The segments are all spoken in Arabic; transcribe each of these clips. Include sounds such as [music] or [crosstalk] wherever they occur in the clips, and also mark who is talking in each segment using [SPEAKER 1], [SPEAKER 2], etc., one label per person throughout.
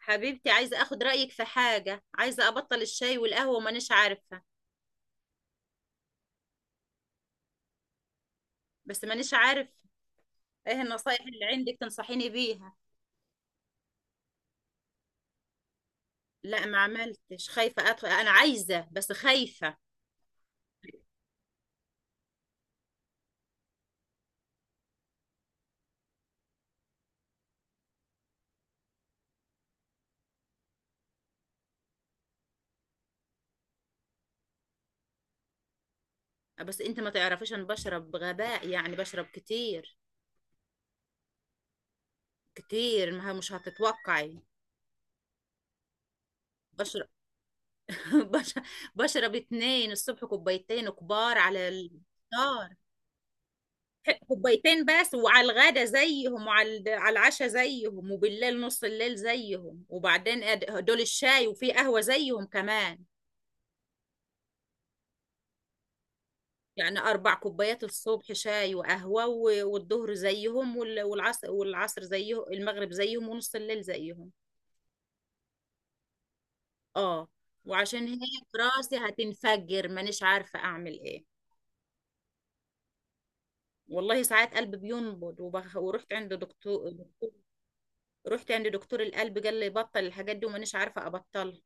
[SPEAKER 1] حبيبتي، عايزة اخد رأيك في حاجة، عايزة ابطل الشاي والقهوة ومانيش عارفة. بس مانيش عارف ايه النصايح اللي عندك تنصحيني بيها. لا، ما عملتش، خايفة ادخل، انا عايزة بس خايفة. بس انت ما تعرفيش، انا بشرب بغباء، يعني بشرب كتير. كتير ما مش هتتوقعي. بشرب [laughs] بش- بشرب اتنين الصبح، كوبايتين كبار على الفطار. كوبايتين بس، وعلى الغدا زيهم، وعلى على العشاء زيهم، وبالليل نص الليل زيهم، وبعدين دول الشاي، وفي قهوة زيهم كمان. يعني 4 كوبايات الصبح، شاي وقهوة، والظهر زيهم، والعصر، والعصر زيهم، المغرب زيهم، ونص الليل زيهم. اه. وعشان هي في راسي هتنفجر، مانيش عارفة أعمل إيه. والله ساعات قلبي بينبض ورحت عند دكتور دكتور رحت عند دكتور القلب، قال لي بطل الحاجات دي، ومانيش عارفة أبطلها.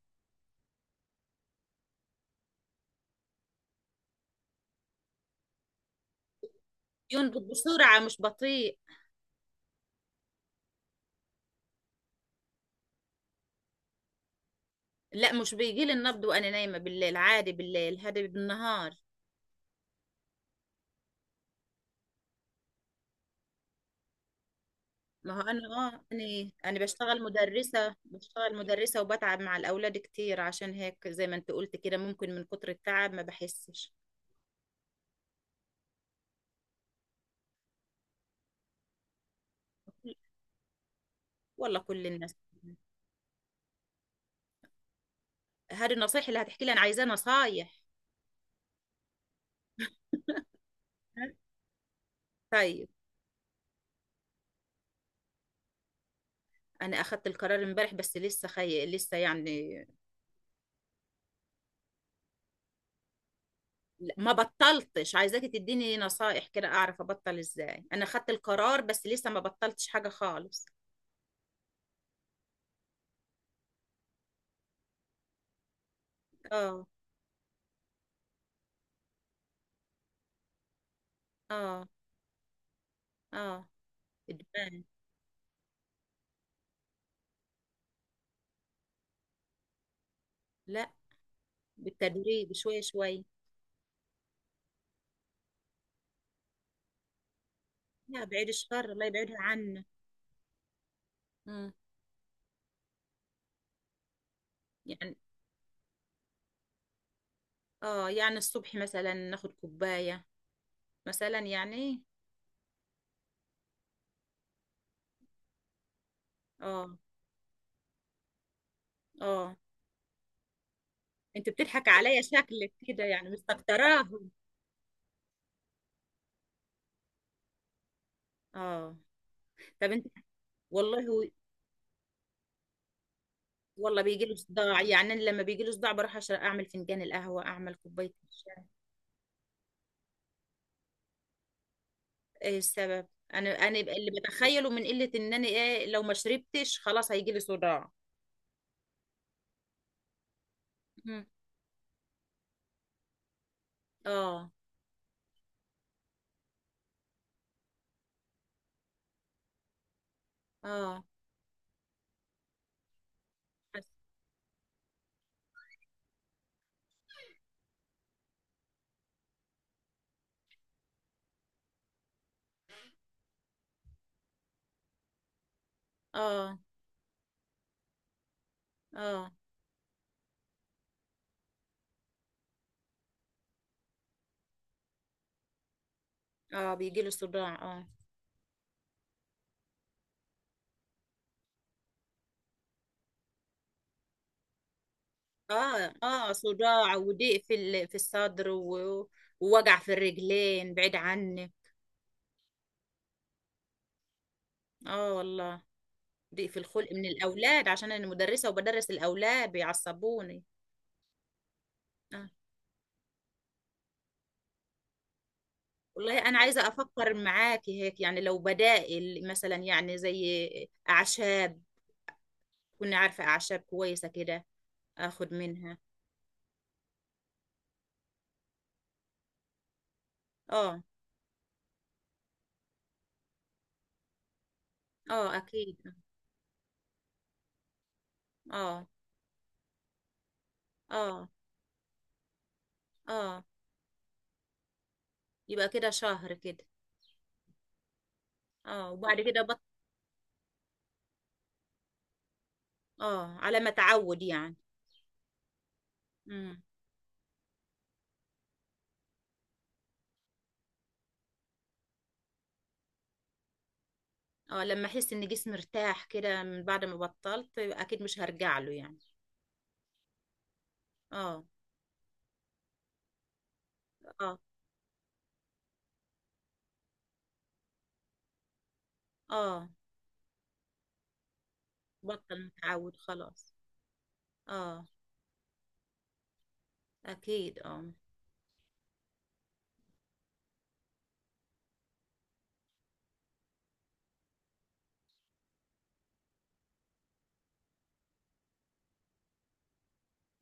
[SPEAKER 1] ينبض بسرعة، مش بطيء. لا، مش بيجي لي النبض وانا نايمة بالليل، عادي بالليل هذا بالنهار. ما هو انا، انا بشتغل مدرسة، وبتعب مع الاولاد كتير، عشان هيك، زي ما انت قلت كده، ممكن من كتر التعب ما بحسش. والله كل الناس. هذه النصيحة اللي هتحكي لي؟ انا عايزاه نصايح. طيب، انا اخدت القرار امبارح، بس لسه يعني. لا، ما بطلتش، عايزاكي تديني نصائح كده اعرف ابطل ازاي، انا خدت القرار بس لسه ما بطلتش حاجة خالص. اه. اه. اه. ادمان. لا، بالتدريج، شوية شوية. لا، بعيد الشر، الله يبعدها عنا. مم. يعني، اه، يعني الصبح مثلا ناخد كوباية، مثلا يعني. اه. اه. انت بتضحك عليا شكلك كده، يعني مستكتراهم. اه، طب انت. والله. والله بيجي له صداع، يعني أنا لما بيجي له صداع بروح عشان اعمل فنجان القهوه، اعمل كوبايه الشاي. ايه السبب؟ انا، انا اللي بتخيله من قله، ان انا، ايه، لو ما شربتش خلاص هيجي لي صداع. مم. اه. اه. حس- اه. اه. اه، بيجي له صداع، اه. اه. اه، صداع وضيق في الصدر ووجع في الرجلين، بعيد عني. اه والله. ضيق في الخلق من الاولاد، عشان انا مدرسه وبدرس الاولاد بيعصبوني. آه. والله أنا عايزة أفكر معاكي هيك، يعني لو بدائل مثلا، يعني زي أعشاب، كنا عارفة أعشاب كويسة كده، أخد منها. آه. آه أكيد. آه. آه. آه، يبقى كده شهر كده. آه، وبعد كده آه، على ما أتعود يعني. امم. آه، لما أحس إن جسمي ارتاح كده من بعد ما بطلت، يبقى أكيد مش هرجع له يعني. آه. آه. آه، بطل متعود خلاص. آه. أكيد آه.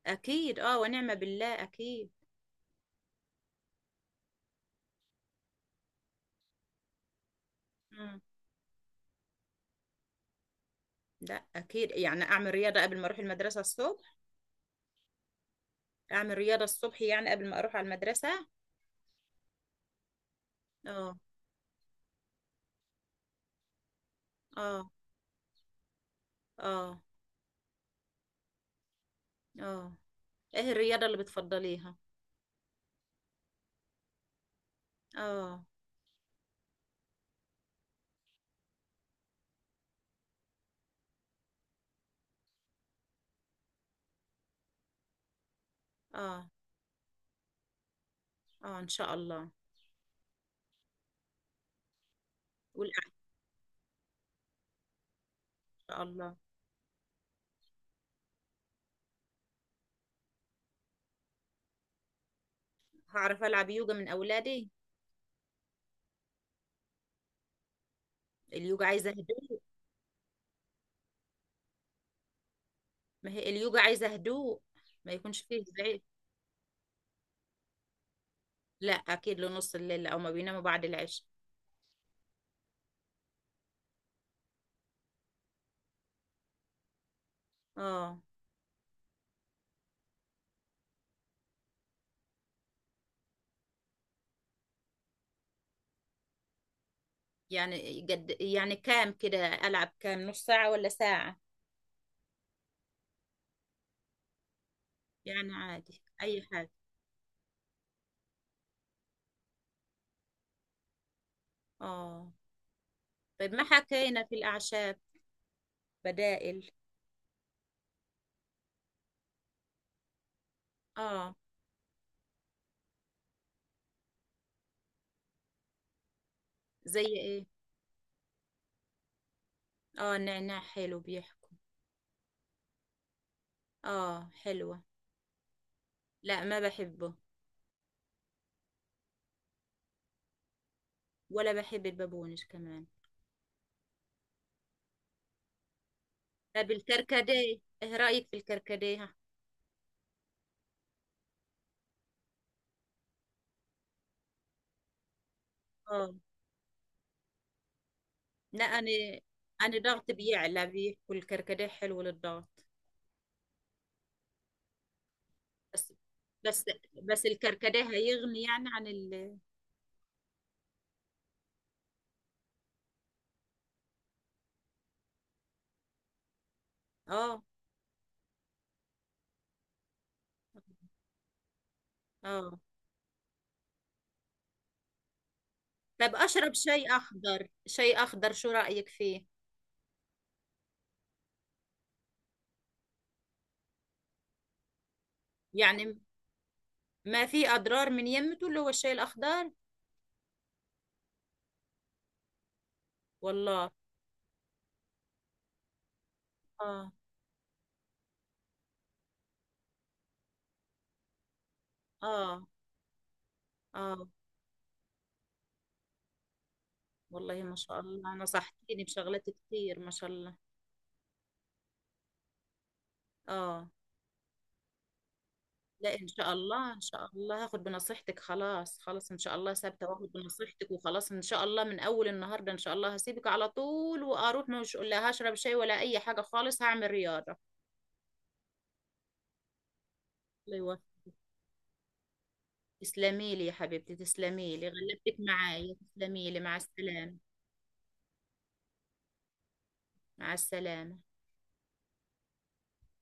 [SPEAKER 1] أكيد، آه ونعمة بالله أكيد. مم. لا اكيد، يعني اعمل رياضه قبل ما اروح المدرسه الصبح. اعمل رياضه الصبح، يعني قبل ما اروح على المدرسه. اه. اه. اه. اه. ايه الرياضه اللي بتفضليها؟ اه. اه. اه، ان شاء الله. ولا ان شاء الله. هعرف العب يوجا من اولادي؟ اليوجا عايزه هدوء. ما هي اليوجا عايزه هدوء، ما يكونش فيه زعيق. لا، اكيد لنص الليل، او ما بيناموا بعد العشاء. اه. يعني قد يعني كام كده؟ العب كام؟ نص ساعه ولا ساعه؟ يعني عادي اي حاجه. اه، طيب ما حكينا في الأعشاب. بدائل. آه. زي إيه؟ آه، النعناع حلو بيحكوا. آه حلوة. لا، ما بحبه. ولا بحب البابونج كمان. طب الكركديه، إيه رأيك في الكركديه؟ آه. لا، أنا ضغطي بيعلى، بيحكوا الكركديه حلو للضغط. بس بس بس الكركديه هيغني يعني عن ال. آه. اه، طب اشرب شاي اخضر، شاي اخضر، شو رايك فيه؟ يعني ما في أضرار من يمته اللي هو الشاي الأخضر؟ والله. آه. آه. آه. والله ما شاء الله، نصحتيني بشغلات كتير، ما شاء الله. آه. لا، إن شاء الله إن شاء الله هاخد بنصيحتك، خلاص خلاص إن شاء الله ثابتة واخد بنصيحتك، وخلاص إن شاء الله من أول النهاردة إن شاء الله هسيبك على طول وأروح، مش، لا، هشرب شاي ولا أي حاجة خالص، هعمل رياضة. الله يوفقك. تسلمي لي يا حبيبتي، تسلمي لي غلبتك معايا، تسلمي لي، مع السلامة. مع السلامة.